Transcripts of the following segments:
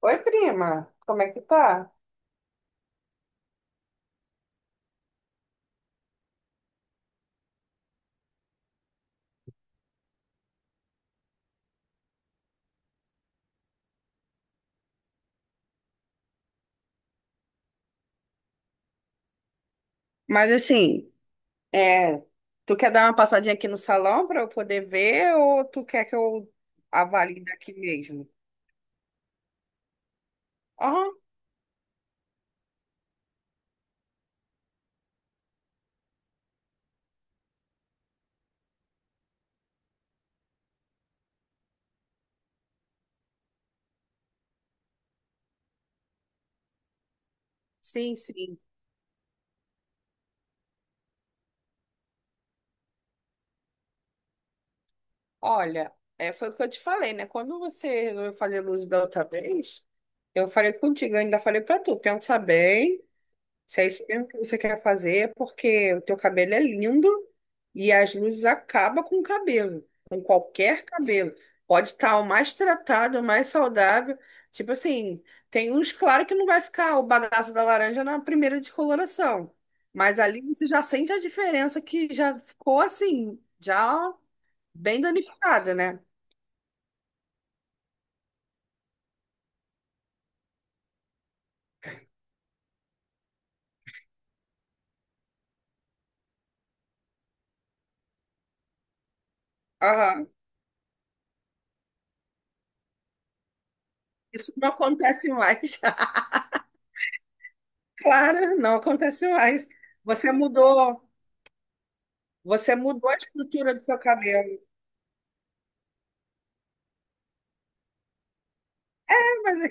Oi, prima, como é que tá? Mas assim, é, tu quer dar uma passadinha aqui no salão para eu poder ver ou tu quer que eu avalie daqui mesmo? Aham, sim, sim. Olha, foi o que eu te falei, né? Quando você resolveu fazer luz da outra vez, eu falei contigo, eu ainda falei para tu, pensa bem. Se é isso mesmo que você quer fazer, é porque o teu cabelo é lindo e as luzes acabam com o cabelo, com qualquer cabelo. Pode estar o mais tratado, o mais saudável. Tipo assim, tem uns, claro que não vai ficar o bagaço da laranja na primeira descoloração. Mas ali você já sente a diferença que já ficou assim, já bem danificada, né? Aham. Isso não acontece mais. Claro, não acontece mais. Você mudou. Você mudou a estrutura do seu cabelo. Mas,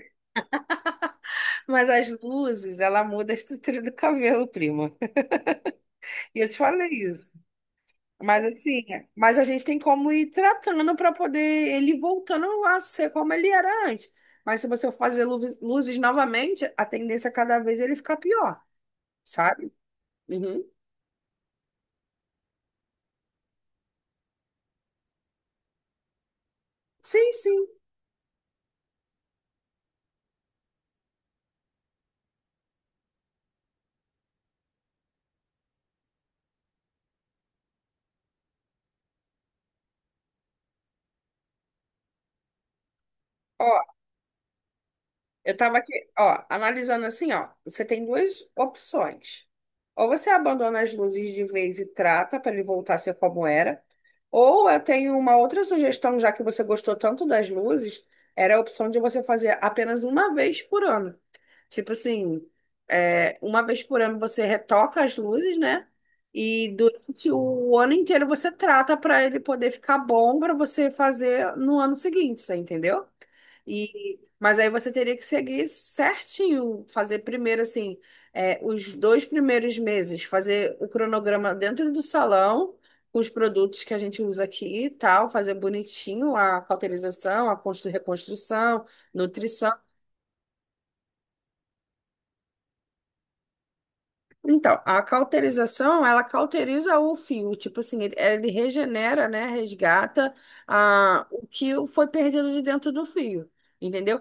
mas as luzes, ela muda a estrutura do cabelo, prima. E eu te falei isso. Mas assim, mas a gente tem como ir tratando para poder ele voltando a ser como ele era antes. Mas se você fazer luzes, luzes novamente, a tendência é cada vez ele ficar pior, sabe? Uhum. Sim, sim. Ó, eu tava aqui, ó, analisando assim, ó. Você tem duas opções. Ou você abandona as luzes de vez e trata para ele voltar a ser como era. Ou eu tenho uma outra sugestão, já que você gostou tanto das luzes, era a opção de você fazer apenas uma vez por ano. Tipo assim, uma vez por ano você retoca as luzes, né? E durante o ano inteiro você trata para ele poder ficar bom para você fazer no ano seguinte, você entendeu? Mas aí você teria que seguir certinho, fazer primeiro assim, os dois primeiros meses, fazer o cronograma dentro do salão, com os produtos que a gente usa aqui e tal, fazer bonitinho a cauterização, a reconstrução, nutrição. Então, a cauterização, ela cauteriza o fio, tipo assim, ele regenera, né, resgata o que foi perdido de dentro do fio, entendeu?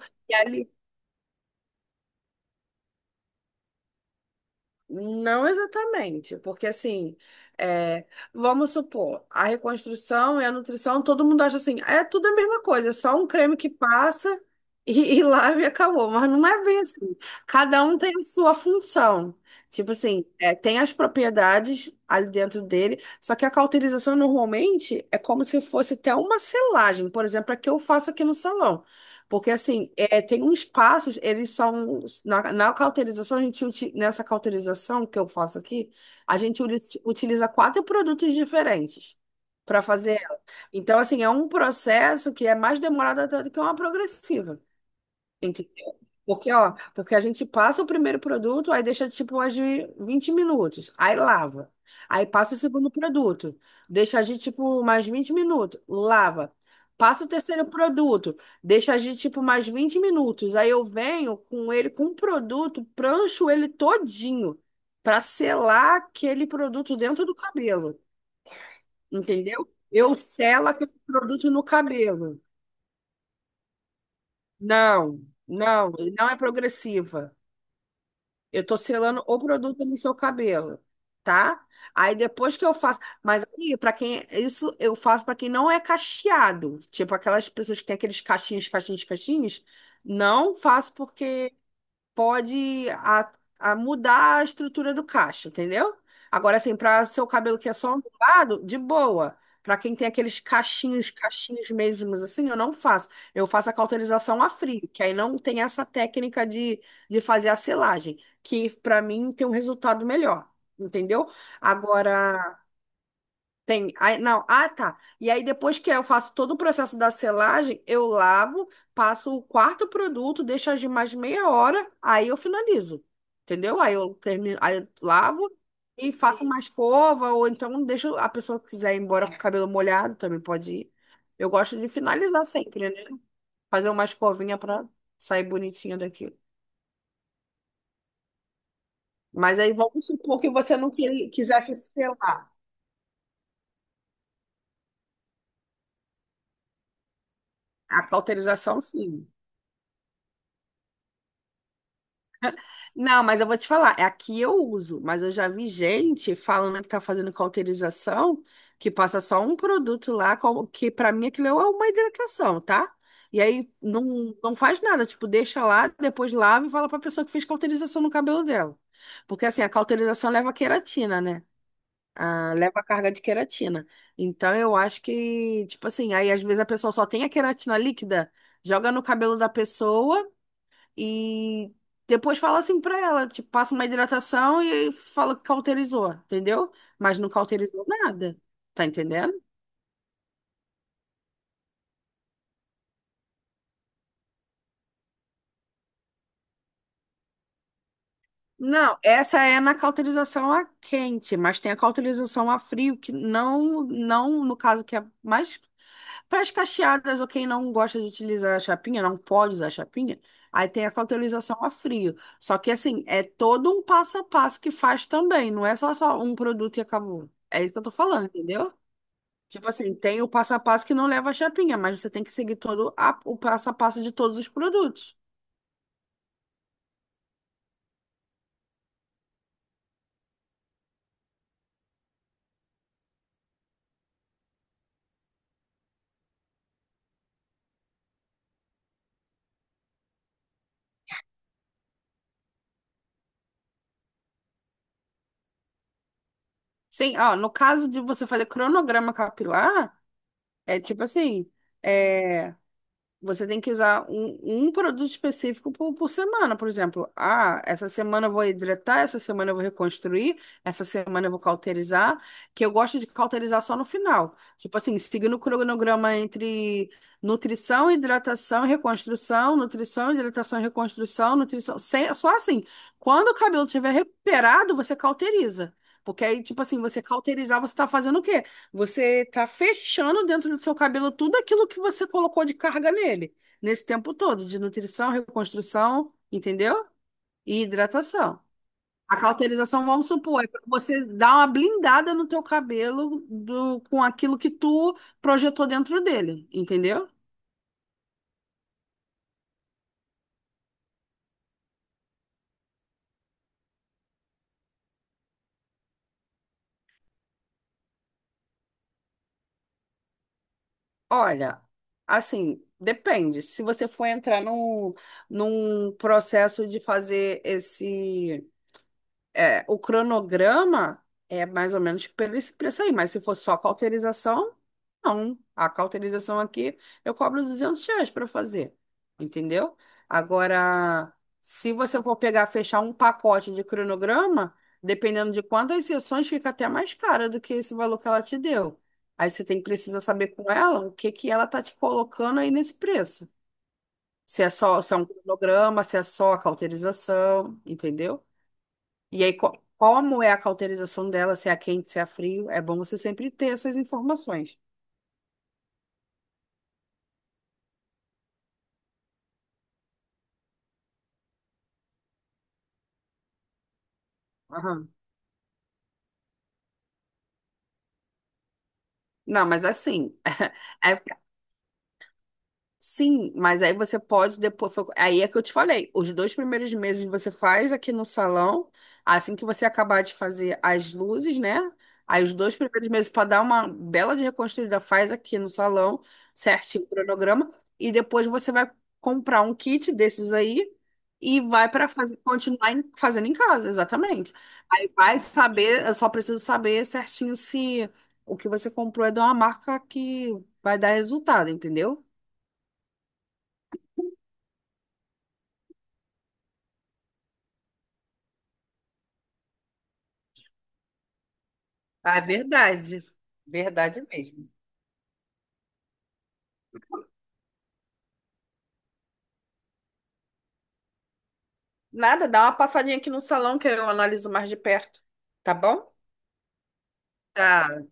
Não exatamente, porque assim, é, vamos supor, a reconstrução e a nutrição, todo mundo acha assim, é tudo a mesma coisa, é só um creme que passa e lava e acabou, mas não é bem assim. Cada um tem a sua função. Tipo assim, é, tem as propriedades ali dentro dele, só que a cauterização normalmente é como se fosse até uma selagem, por exemplo, a que eu faço aqui no salão. Porque, assim, tem uns passos, eles são. Na cauterização, a gente, nessa cauterização que eu faço aqui, a gente utiliza quatro produtos diferentes para fazer ela. Então, assim, é um processo que é mais demorado até do que uma progressiva. Tem que ter. Porque, ó, porque a gente passa o primeiro produto, aí deixa tipo agir 20 minutos, aí lava. Aí passa o segundo produto, deixa agir tipo mais 20 minutos, lava. Passa o terceiro produto, deixa agir tipo mais 20 minutos. Aí eu venho com ele com o produto, prancho ele todinho para selar aquele produto dentro do cabelo, entendeu? Eu selo aquele produto no cabelo. Não, não, não é progressiva. Eu tô selando o produto no seu cabelo, tá? Aí depois que eu faço, mas aí para quem isso eu faço para quem não é cacheado, tipo aquelas pessoas que têm aqueles cachinhos, cachinhos, cachinhos, não faço porque pode a mudar a estrutura do cacho, entendeu? Agora, assim, para seu cabelo que é só ondulado, de boa. Para quem tem aqueles cachinhos, cachinhos mesmos, assim, eu não faço. Eu faço a cauterização a frio, que aí não tem essa técnica de fazer a selagem, que para mim tem um resultado melhor, entendeu? Agora. Tem, aí, não, ah, tá. E aí depois que eu faço todo o processo da selagem, eu lavo, passo o quarto produto, deixo agir mais meia hora, aí eu finalizo. Entendeu? Aí eu termino, aí eu lavo e faço uma escova, ou então deixo a pessoa que quiser ir embora com o cabelo molhado, também pode ir. Eu gosto de finalizar sempre, né? Fazer uma escovinha para sair bonitinha daquilo. Mas aí vamos supor que você não quisesse selar. A cauterização, sim. Não, mas eu vou te falar, é aqui eu uso, mas eu já vi gente falando que tá fazendo cauterização, que passa só um produto lá, que pra mim aquilo é uma hidratação, tá? E aí não, não faz nada, tipo, deixa lá, depois lava e fala pra pessoa que fez cauterização no cabelo dela. Porque assim, a cauterização leva queratina, né? Ah, leva carga de queratina. Então eu acho que, tipo assim, aí às vezes a pessoa só tem a queratina líquida, joga no cabelo da pessoa. E depois fala assim pra ela, tipo, passa uma hidratação e fala que cauterizou, entendeu? Mas não cauterizou nada, tá entendendo? Não, essa é na cauterização a quente, mas tem a cauterização a frio, que não, não no caso que é mais para as cacheadas ou quem não gosta de utilizar a chapinha, não pode usar a chapinha, aí tem a cauterização a frio. Só que assim, é todo um passo a passo que faz também, não é só, só um produto e acabou. É isso que eu tô falando, entendeu? Tipo assim, tem o passo a passo que não leva a chapinha, mas você tem que seguir todo o passo a passo de todos os produtos. Sim, ó, no caso de você fazer cronograma capilar, é tipo assim, é, você tem que usar um, um produto específico por semana, por exemplo. Ah, essa semana eu vou hidratar, essa semana eu vou reconstruir, essa semana eu vou cauterizar, que eu gosto de cauterizar só no final. Tipo assim, seguindo o cronograma entre nutrição, hidratação, reconstrução, nutrição, hidratação, reconstrução, nutrição. Sem, só assim, quando o cabelo estiver recuperado, você cauteriza. Porque aí, tipo assim, você cauterizar, você tá fazendo o quê? Você está fechando dentro do seu cabelo tudo aquilo que você colocou de carga nele, nesse tempo todo, de nutrição, reconstrução, entendeu? E hidratação. A cauterização, vamos supor, é para você dar uma blindada no teu cabelo do, com aquilo que tu projetou dentro dele, entendeu? Olha, assim, depende. Se você for entrar num, num processo de fazer esse é, o cronograma é mais ou menos pelo esse preço aí, mas se for só cauterização, não. A cauterização aqui eu cobro R$ 200 para fazer, entendeu? Agora, se você for pegar, fechar um pacote de cronograma, dependendo de quantas sessões, fica até mais cara do que esse valor que ela te deu. Aí você tem que precisar saber com ela o que que ela tá te colocando aí nesse preço. Se é só, se é um cronograma, se é só a cauterização, entendeu? E aí, como é a cauterização dela, se é a quente, se é a frio, é bom você sempre ter essas informações. Aham. Não, mas assim, é. Sim, mas aí você pode depois. Aí é que eu te falei. Os dois primeiros meses você faz aqui no salão. Assim que você acabar de fazer as luzes, né? Aí os dois primeiros meses para dar uma bela de reconstruída, faz aqui no salão, certinho o cronograma. E depois você vai comprar um kit desses aí e vai para fazer, continuar fazendo em casa, exatamente. Aí vai saber, eu só preciso saber certinho se o que você comprou é de uma marca que vai dar resultado, entendeu? Ah, é verdade. Verdade mesmo. Nada, dá uma passadinha aqui no salão que eu analiso mais de perto. Tá bom? Tá.